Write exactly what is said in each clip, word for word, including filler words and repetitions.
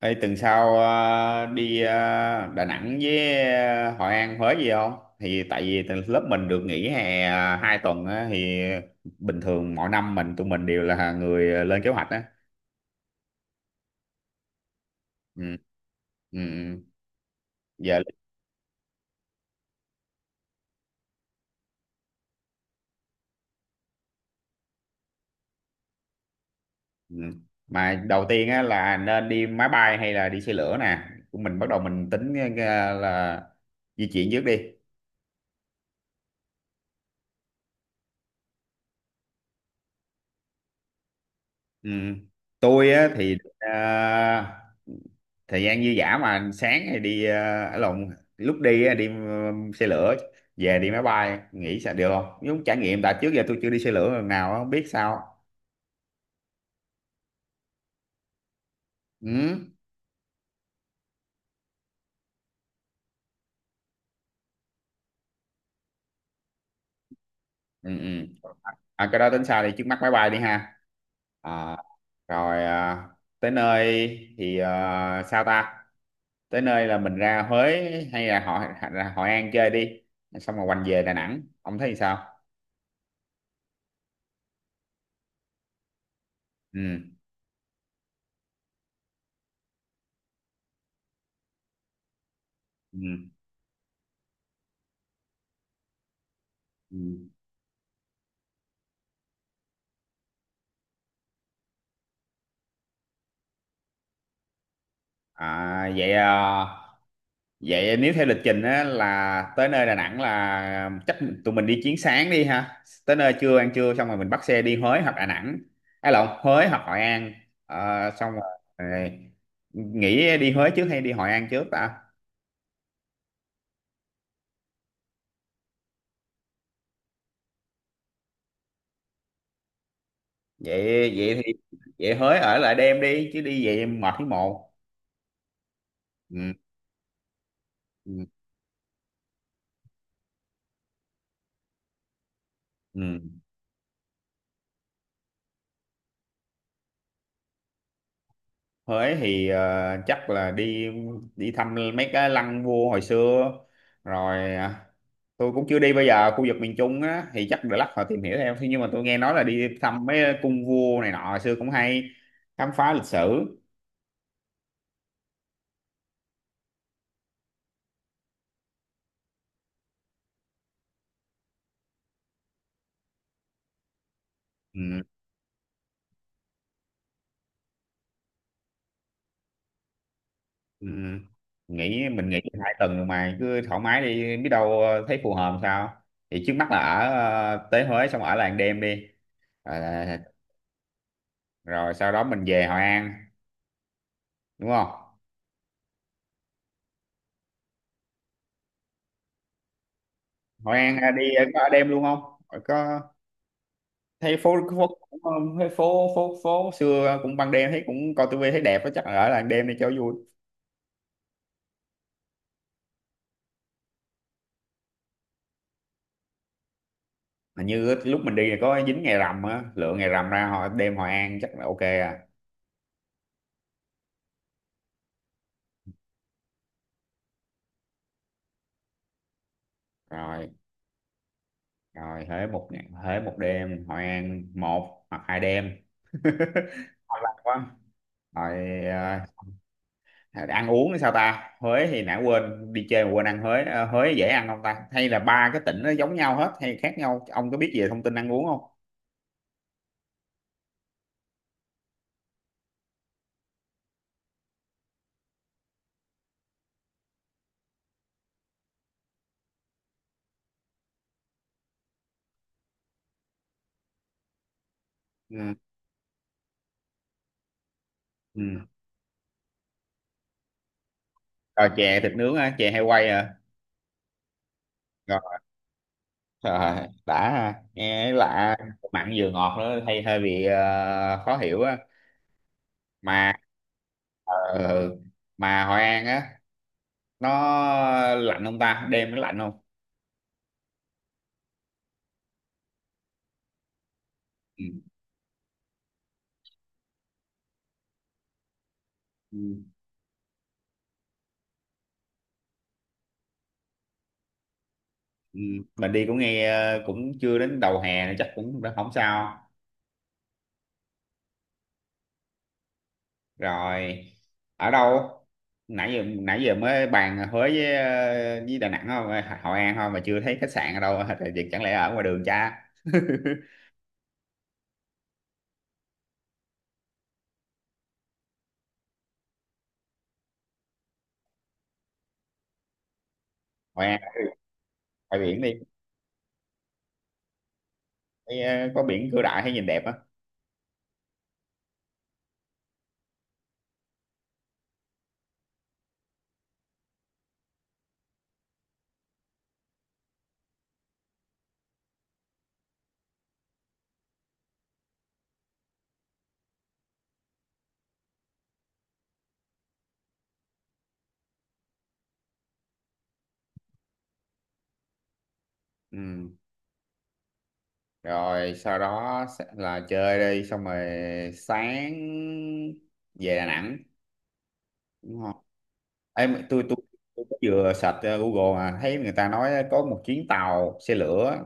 Ê, tuần sau ờ, đi ờ, Đà Nẵng với ờ, Hội An, Huế gì không? Thì tại vì từ lớp mình được nghỉ hè ờ, hai tuần á, thì bình thường mỗi năm mình tụi mình đều là người ờ, lên kế hoạch á. Ừ, ừ, ừ. Giờ ừ. Mà đầu tiên á là nên đi máy bay hay là đi xe lửa nè. Của Mình bắt đầu mình tính ờ, là di chuyển trước đi. Ừ. Tôi á thì ờ, thời gian dư dả mà sáng thì đi uh, lộn, lúc đi á, đi ờ, xe lửa, về đi máy bay, nghĩ sao được không, giống trải nghiệm, tại trước giờ tôi chưa đi xe lửa lần nào á, không biết sao. Ừ, ừ, ừ. À, cái đó tính sao thì trước mắt máy bay đi ha. À, rồi à, tới nơi thì à, sao ta, tới nơi là mình ra Huế hay là Hội ra Hội An chơi đi, xong rồi quanh về Đà Nẵng, ông thấy sao? Ừ, ừ, ừ. À, vậy à, vậy nếu theo lịch trình á, là tới nơi Đà Nẵng là chắc tụi mình đi chuyến sáng đi ha. Tới nơi trưa ăn trưa xong rồi mình bắt xe đi Huế hoặc Đà Nẵng. Hay lộn, Huế hoặc Hội An. Ờ, xong rồi ờ, nghĩ đi Huế trước hay đi Hội An trước ta? Vậy vậy thì vậy Huế ở lại đêm đi chứ đi vậy mệt thấy mồ. Ừ. Ừ. Ừ. Huế thì ờ, chắc là đi đi thăm mấy cái lăng vua hồi xưa, rồi à, tôi cũng chưa đi, bây giờ khu vực miền Trung á thì chắc để lát họ tìm hiểu theo. Thế nhưng mà tôi nghe nói là đi thăm mấy cung vua này nọ hồi xưa cũng hay, khám phá lịch sử. Ừ, ừ. Ừ. Nghĩ mình nghĩ hai tuần rồi mà cứ thoải mái đi biết đâu ờ, thấy phù hợp sao. Thì trước mắt là ở ờ, tới Huế xong ở làng đêm đi. Ờ, rồi sau đó mình về Hội An đúng không? Hội An ờ, đi ờ, có ở đêm luôn không? Ờ, có, thấy phố phố cũng, ờ, thấy phố phố phố xưa cũng, ban đêm thấy cũng coi tivi thấy đẹp á, chắc là ở làng đêm đi cho vui. Hình như lúc mình đi là có dính ngày rằm á, lựa ngày rằm ra họ đêm Hội An chắc là ok à. Rồi, rồi Huế một ngày, Huế một đêm, Hội An một hoặc hai đêm. Ngon lành quá. Rồi ờ, ăn uống thì sao ta? Huế thì nãy quên đi chơi mà quên ăn Huế. Ờ, Huế dễ ăn không ta, hay là ba cái tỉnh nó giống nhau hết hay khác nhau, ông có biết về thông tin ăn uống không? Ừ. Ừ. Rồi chè thịt nướng á, chè hay quay à? Rồi, đã ha. Nghe lạ, mặn vừa ngọt nữa hay hơi bị ờ, khó hiểu á. Mà ờ, mà Hội An á, nó lạnh không ta, đêm nó lạnh không? Ừ. Ừ. Ừ. Mình đi cũng nghe ờ, cũng chưa đến đầu hè nữa, chắc cũng đã không sao. Rồi ở đâu, nãy giờ nãy giờ mới bàn Huế với ờ, với Đà Nẵng không, Hội An không mà chưa thấy khách sạn ở đâu, thì chẳng lẽ ở ngoài đường cha. Hội An ngoài biển đi. Thấy, ờ, có biển Cửa Đại thấy nhìn đẹp á. Ừ. Rồi sau đó sẽ là chơi đi, xong rồi sáng về Đà Nẵng đúng không? Em tôi tôi tôi có vừa search ờ, Google mà thấy người ta nói có một chuyến tàu xe lửa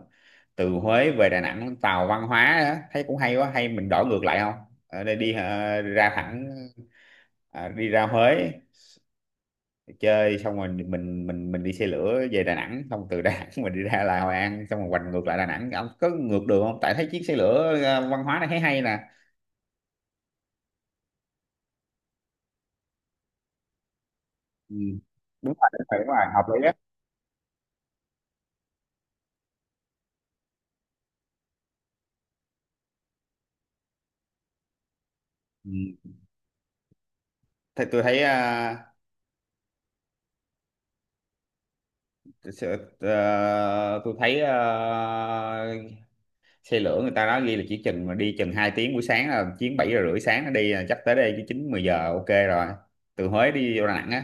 từ Huế về Đà Nẵng, tàu văn hóa đó. Thấy cũng hay quá, hay mình đổi ngược lại không? Ở đây đi ờ, ra thẳng ờ, đi ra Huế chơi, xong rồi mình mình mình đi xe lửa về Đà Nẵng, xong từ Đà Nẵng mình đi ra là Hội An, xong rồi hoành ngược lại Đà Nẵng, ông có ngược đường không, tại thấy chiếc xe lửa à, văn hóa này thấy hay nè. Ừ. Đúng rồi, đúng rồi, đúng rồi, hợp lý á. Ừ. Thì tôi thấy à, sự- ờ, tôi thấy ờ, xe lửa người ta nói ghi là chỉ chừng mà đi chừng hai tiếng, buổi sáng là chuyến bảy giờ rưỡi sáng nó đi là chắc tới đây chứ chín mười giờ ok rồi, từ Huế đi vô Đà Nẵng á.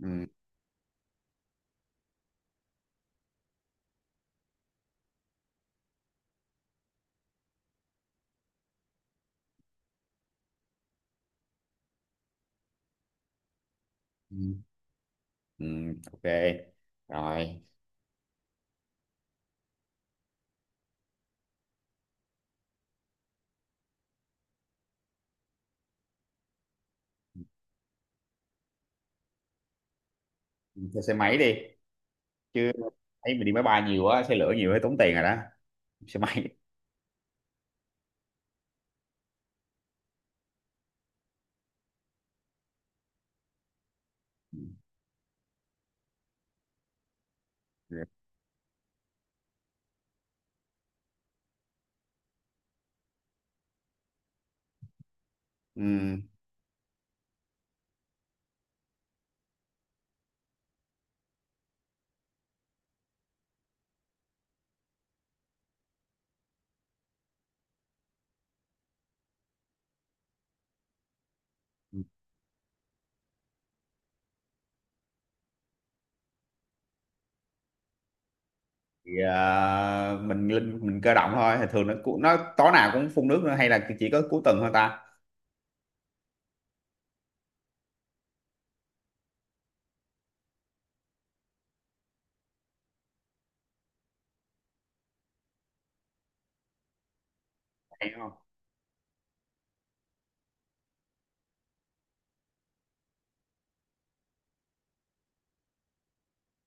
Ừ. Ừ. Ừ. Ok rồi, thuê xe máy đi chứ, thấy mình đi máy bay nhiều quá, xe lửa nhiều thấy tốn tiền rồi đó, xe máy. Ừ. Thì à, mình linh mình cơ động thôi, thì thường nó cu- nó tối nào cũng phun nước nữa hay là chỉ có cuối tuần thôi ta, hay không?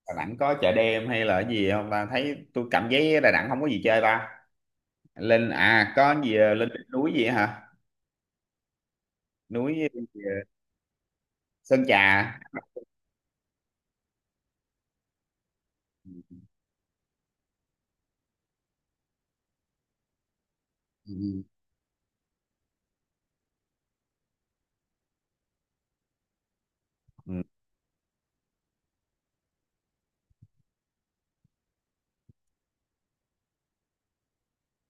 Đà Nẵng có chợ đêm hay là cái gì không ta, thấy tôi cảm giác Đà Nẵng không có gì chơi ta, lên à có gì à, lên đỉnh núi gì hả, núi gì, à, Sơn Trà. Ừ. Ừ. Ừ.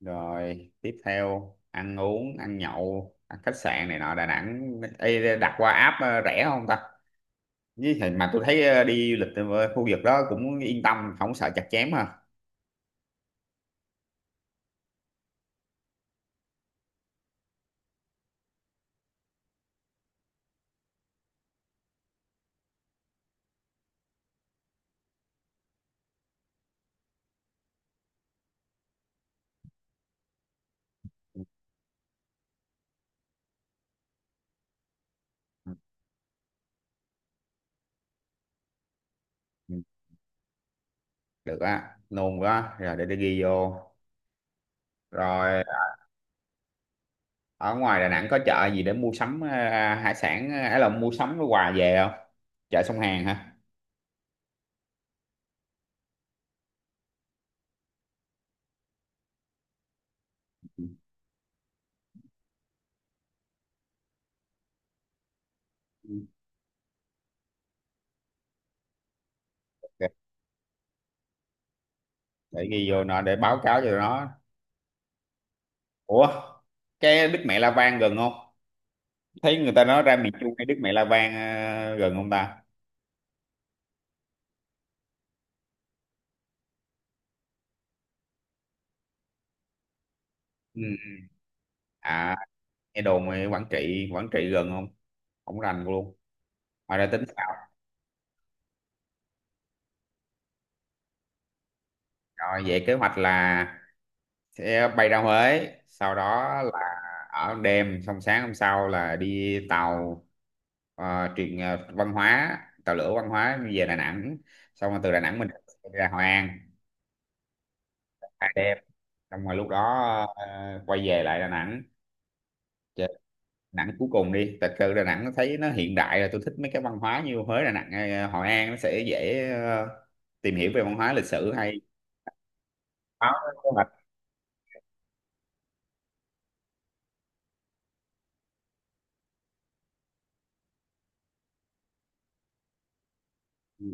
Rồi tiếp theo ăn uống, ăn nhậu, ăn khách sạn này nọ Đà Nẵng. Ê, đặt qua app ờ, rẻ không ta, với thì mà tôi thấy ờ, đi du lịch ở khu vực đó cũng yên tâm, không sợ chặt chém ha. Ừ, ừ, ừ. Được á, nôn quá, rồi để tôi ghi vô. Rồi ở ngoài Đà Nẵng có chợ gì để mua sắm ờ, hải sản hay là mua sắm cái quà về không, chợ sông Hàn hả? Ừ, ừ. Ok, để ghi vô nó để báo cáo cho nó. Ủa, cái Đức Mẹ La Vang gần không, thấy người ta nói ra miền Trung cái Đức Mẹ La Vang ờ, gần không ta? Ừ. À, nghe đồn ở Quảng Trị, Quảng Trị gần không, không rành luôn. Ngoài ra tính sao? Rồi vậy kế hoạch là sẽ bay ra Huế, sau đó là ở đêm, xong sáng hôm sau là đi tàu ờ, truyền ờ, văn hóa, tàu lửa văn hóa về Đà Nẵng, xong rồi từ Đà Nẵng mình sẽ đi ra Hội An hai đêm, xong rồi lúc đó ờ, quay về lại Đà Nẵng, chờ Đà Nẵng cuối cùng đi, thật sự Đà Nẵng nó thấy nó hiện đại rồi, tôi thích mấy cái văn hóa như Huế, Đà Nẵng, ờ, Hội An nó sẽ dễ ờ, tìm hiểu về văn hóa lịch sử hay. Đó, kế hoạch. Ừ.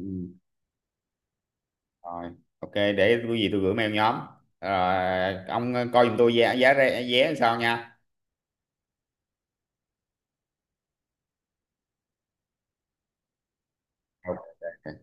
Rồi, ok để cái gì tôi gửi mail nhóm. Rồi ông coi giùm tôi giá giá vé vé sao nha. Ok.